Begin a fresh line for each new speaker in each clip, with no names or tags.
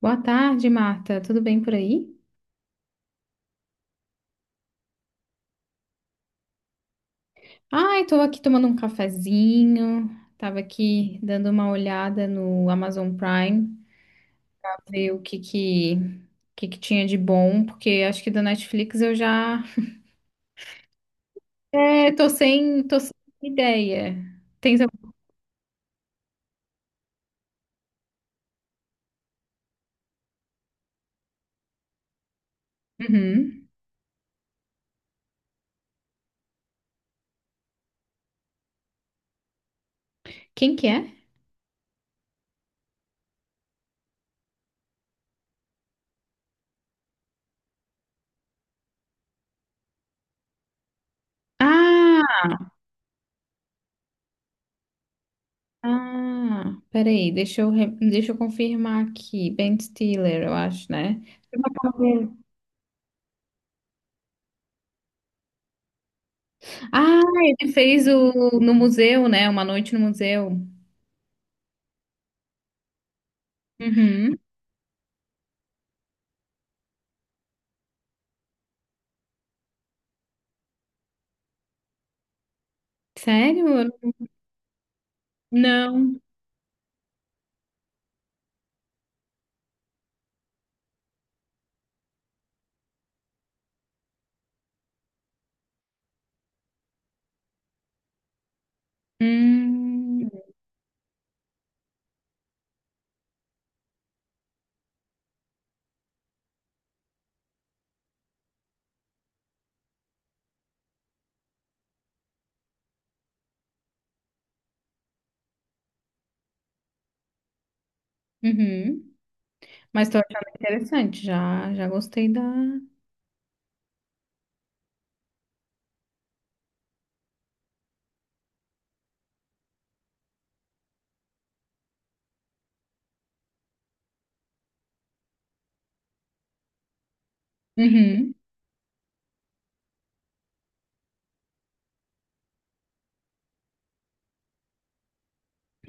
Boa tarde, Marta. Tudo bem por aí? Ai, tô aqui tomando um cafezinho. Tava aqui dando uma olhada no Amazon Prime, ver o que que tinha de bom, porque acho que da Netflix eu já é, tô sem ideia. Tem algum- Uhum. Quem que é? Ah, peraí, deixa eu confirmar aqui. Ben Stiller, eu acho, né? Ah, ele fez o no museu, né? Uma noite no museu. Uhum. Sério? Não. Hum. Uhum. Mas tô achando interessante, já, já gostei da. Uhum.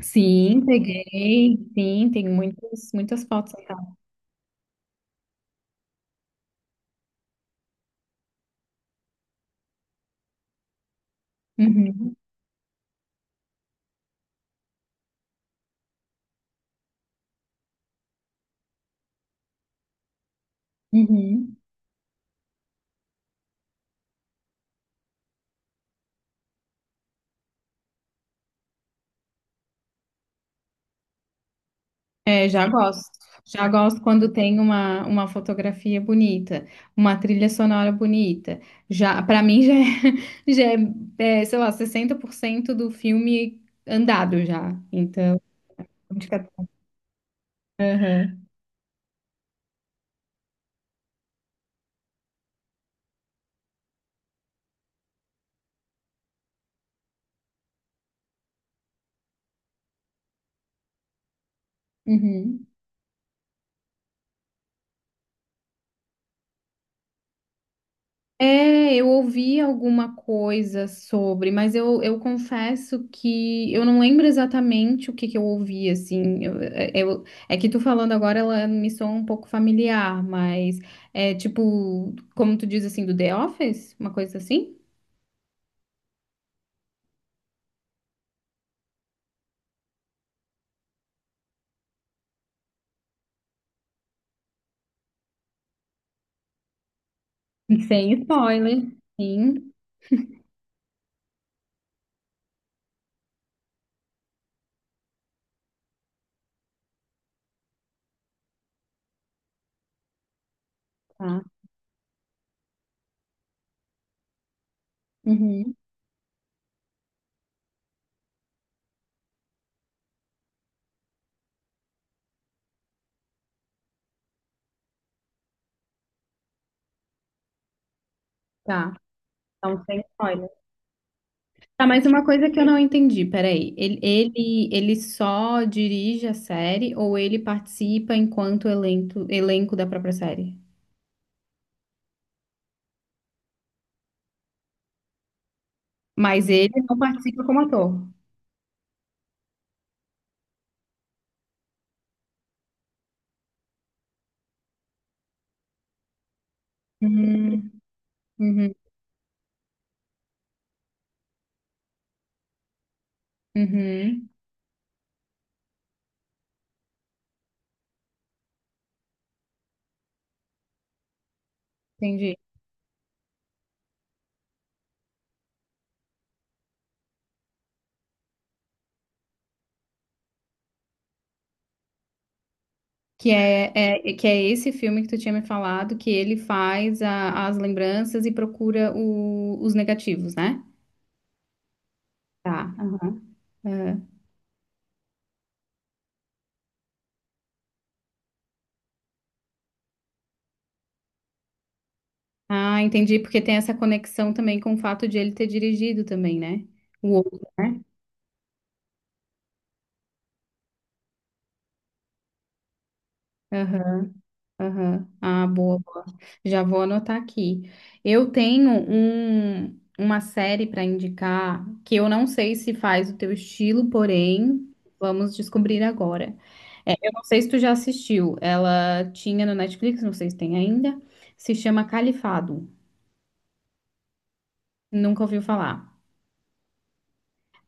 Sim, peguei. Sim, tem muitas, muitas fotos e tal. Uhum. Uhum. É, já gosto. Já gosto quando tem uma fotografia bonita, uma trilha sonora bonita. Já, para mim já é, já é, é, sei lá, 60% do filme andado já. Então, fica- Aham. Uhum. É, eu ouvi alguma coisa sobre, mas eu confesso que eu não lembro exatamente o que que eu ouvi, assim. Eu- é que tu falando agora, ela me soa um pouco familiar, mas é tipo, como tu diz assim, do The Office? Uma coisa assim? Sem spoiler. Sim, tá. Uhum, tá. Então, sem spoiler. Tá, mas uma coisa que eu não entendi, peraí. Ele só dirige a série ou ele participa enquanto elenco, elenco da própria série? Mas ele não participa como ator. Uhum, uhum, uhum, entendi. Que é esse filme que tu tinha me falado, que ele faz a- as lembranças e procura o- os negativos, né? Tá, aham, aham. Ah, entendi, porque tem essa conexão também com o fato de ele ter dirigido também, né? O outro, né? Aham. Aham. Ah, boa, boa. Já vou anotar aqui. Eu tenho um, uma série para indicar que eu não sei se faz o teu estilo, porém, vamos descobrir agora. É, eu não sei se tu já assistiu. Ela tinha no Netflix, não sei se tem ainda. Se chama Califado. Nunca ouviu falar.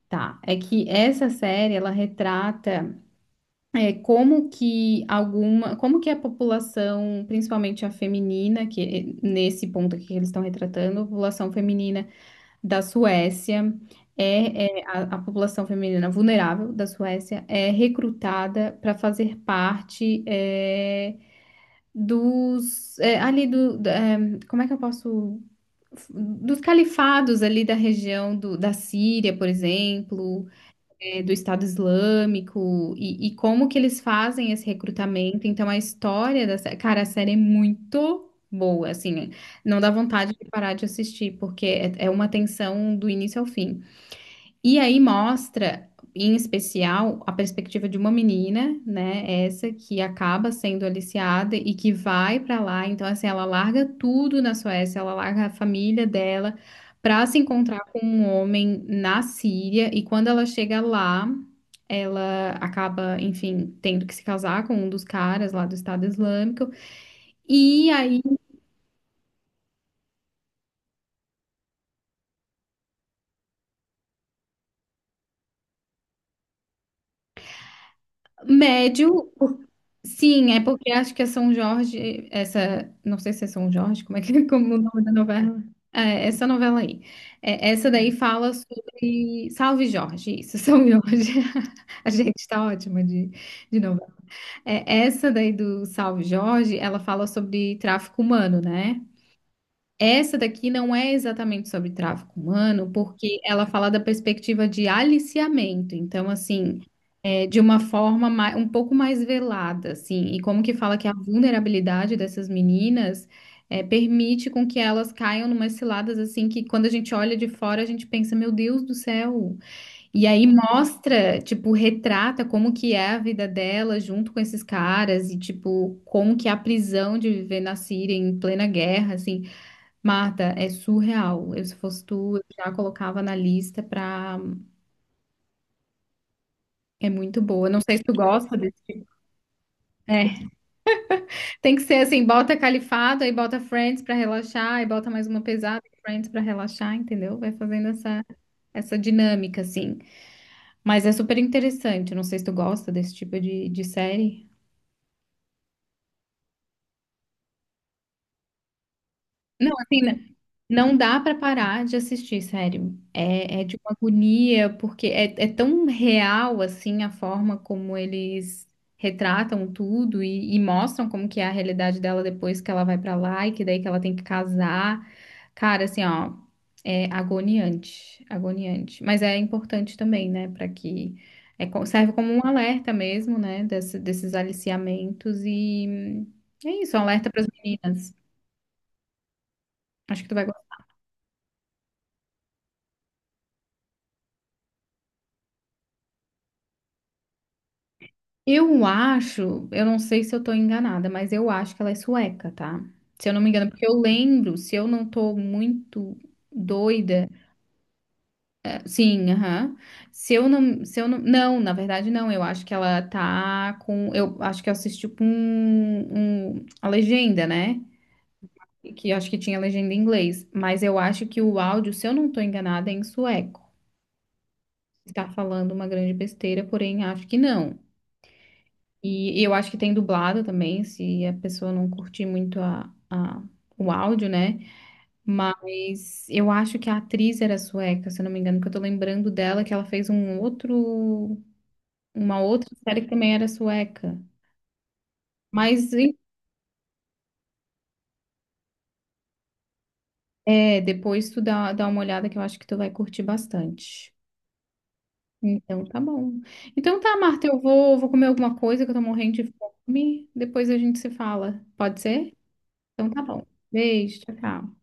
Tá. É que essa série, ela retrata é, como que alguma, como que a população, principalmente a feminina, que eh, nesse ponto aqui que eles estão retratando, a população feminina da Suécia é, é, a população feminina vulnerável da Suécia é recrutada para fazer parte é, dos é, ali do, da- é, como é que eu posso dos califados ali da região do, da Síria, por exemplo eh, do Estado Islâmico e como que eles fazem esse recrutamento. Então, a história da série, cara, a série é muito boa, assim, não dá vontade de parar de assistir, porque é, é uma tensão do início ao fim. E aí mostra, em especial, a perspectiva de uma menina, né? Essa que acaba sendo aliciada e que vai pra lá. Então, assim, ela larga tudo na Suécia, ela larga a família dela pra se encontrar com um homem na Síria. E quando ela chega lá, ela acaba, enfim, tendo que se casar com um dos caras lá do Estado Islâmico. E aí médio, por- sim, é porque acho que é São Jorge, essa, não sei se é São Jorge, como é que como o nome da novela? É, é essa novela aí. É, essa daí fala sobre Salve Jorge, isso, São Jorge. A gente tá ótima de novela. É, essa daí do Salve Jorge, ela fala sobre tráfico humano, né? Essa daqui não é exatamente sobre tráfico humano, porque ela fala da perspectiva de aliciamento. Então, assim, é, de uma forma mai- um pouco mais velada, assim, e como que fala que a vulnerabilidade dessas meninas é, permite com que elas caiam numas ciladas, assim, que quando a gente olha de fora, a gente pensa, meu Deus do céu. E aí mostra, tipo, retrata como que é a vida dela junto com esses caras e, tipo, como que é a prisão de viver na Síria em plena guerra, assim. Marta, é surreal. Eu, se fosse tu, eu já colocava na lista pra. É muito boa. Não sei se tu gosta desse. É. Tem que ser assim: bota Califado, aí bota Friends pra relaxar, aí bota mais uma pesada Friends pra relaxar, entendeu? Vai fazendo essa, essa dinâmica, assim. Mas é super interessante. Eu não sei se tu gosta desse tipo de série. Não, assim, n- não dá pra parar de assistir, sério. É, é de uma agonia, porque é, é tão real, assim, a forma como eles retratam tudo e mostram como que é a realidade dela depois que ela vai pra lá e que daí que ela tem que casar. Cara, assim, ó, é agoniante, agoniante. Mas é importante também, né, pra que... É, co- serve como um alerta mesmo, né, desse- desses aliciamentos e... é isso, um alerta pras meninas. Acho que tu vai gostar. Eu acho, eu não sei se eu tô enganada, mas eu acho que ela é sueca, tá? Se eu não me engano, porque eu lembro, se eu não tô muito doida, eh, sim, aham. Se eu não, se eu não, não, na verdade não, eu acho que ela tá com, eu acho que eu assisti com um, um- a legenda, né? Que eu acho que tinha legenda em inglês, mas eu acho que o áudio, se eu não tô enganada, é em sueco. Está falando uma grande besteira, porém acho que não. E eu acho que tem dublado também, se a pessoa não curtir muito a- o áudio, né? Mas eu acho que a atriz era sueca, se eu não me engano, que eu tô lembrando dela, que ela fez um outro, uma outra série que também era sueca. Mas e- é, depois tu dá, dá uma olhada que eu acho que tu vai curtir bastante. Então tá bom. Então tá, Marta, eu vou, vou comer alguma coisa que eu tô morrendo de fome. Depois a gente se fala. Pode ser? Então tá bom. Beijo, tchau, tchau.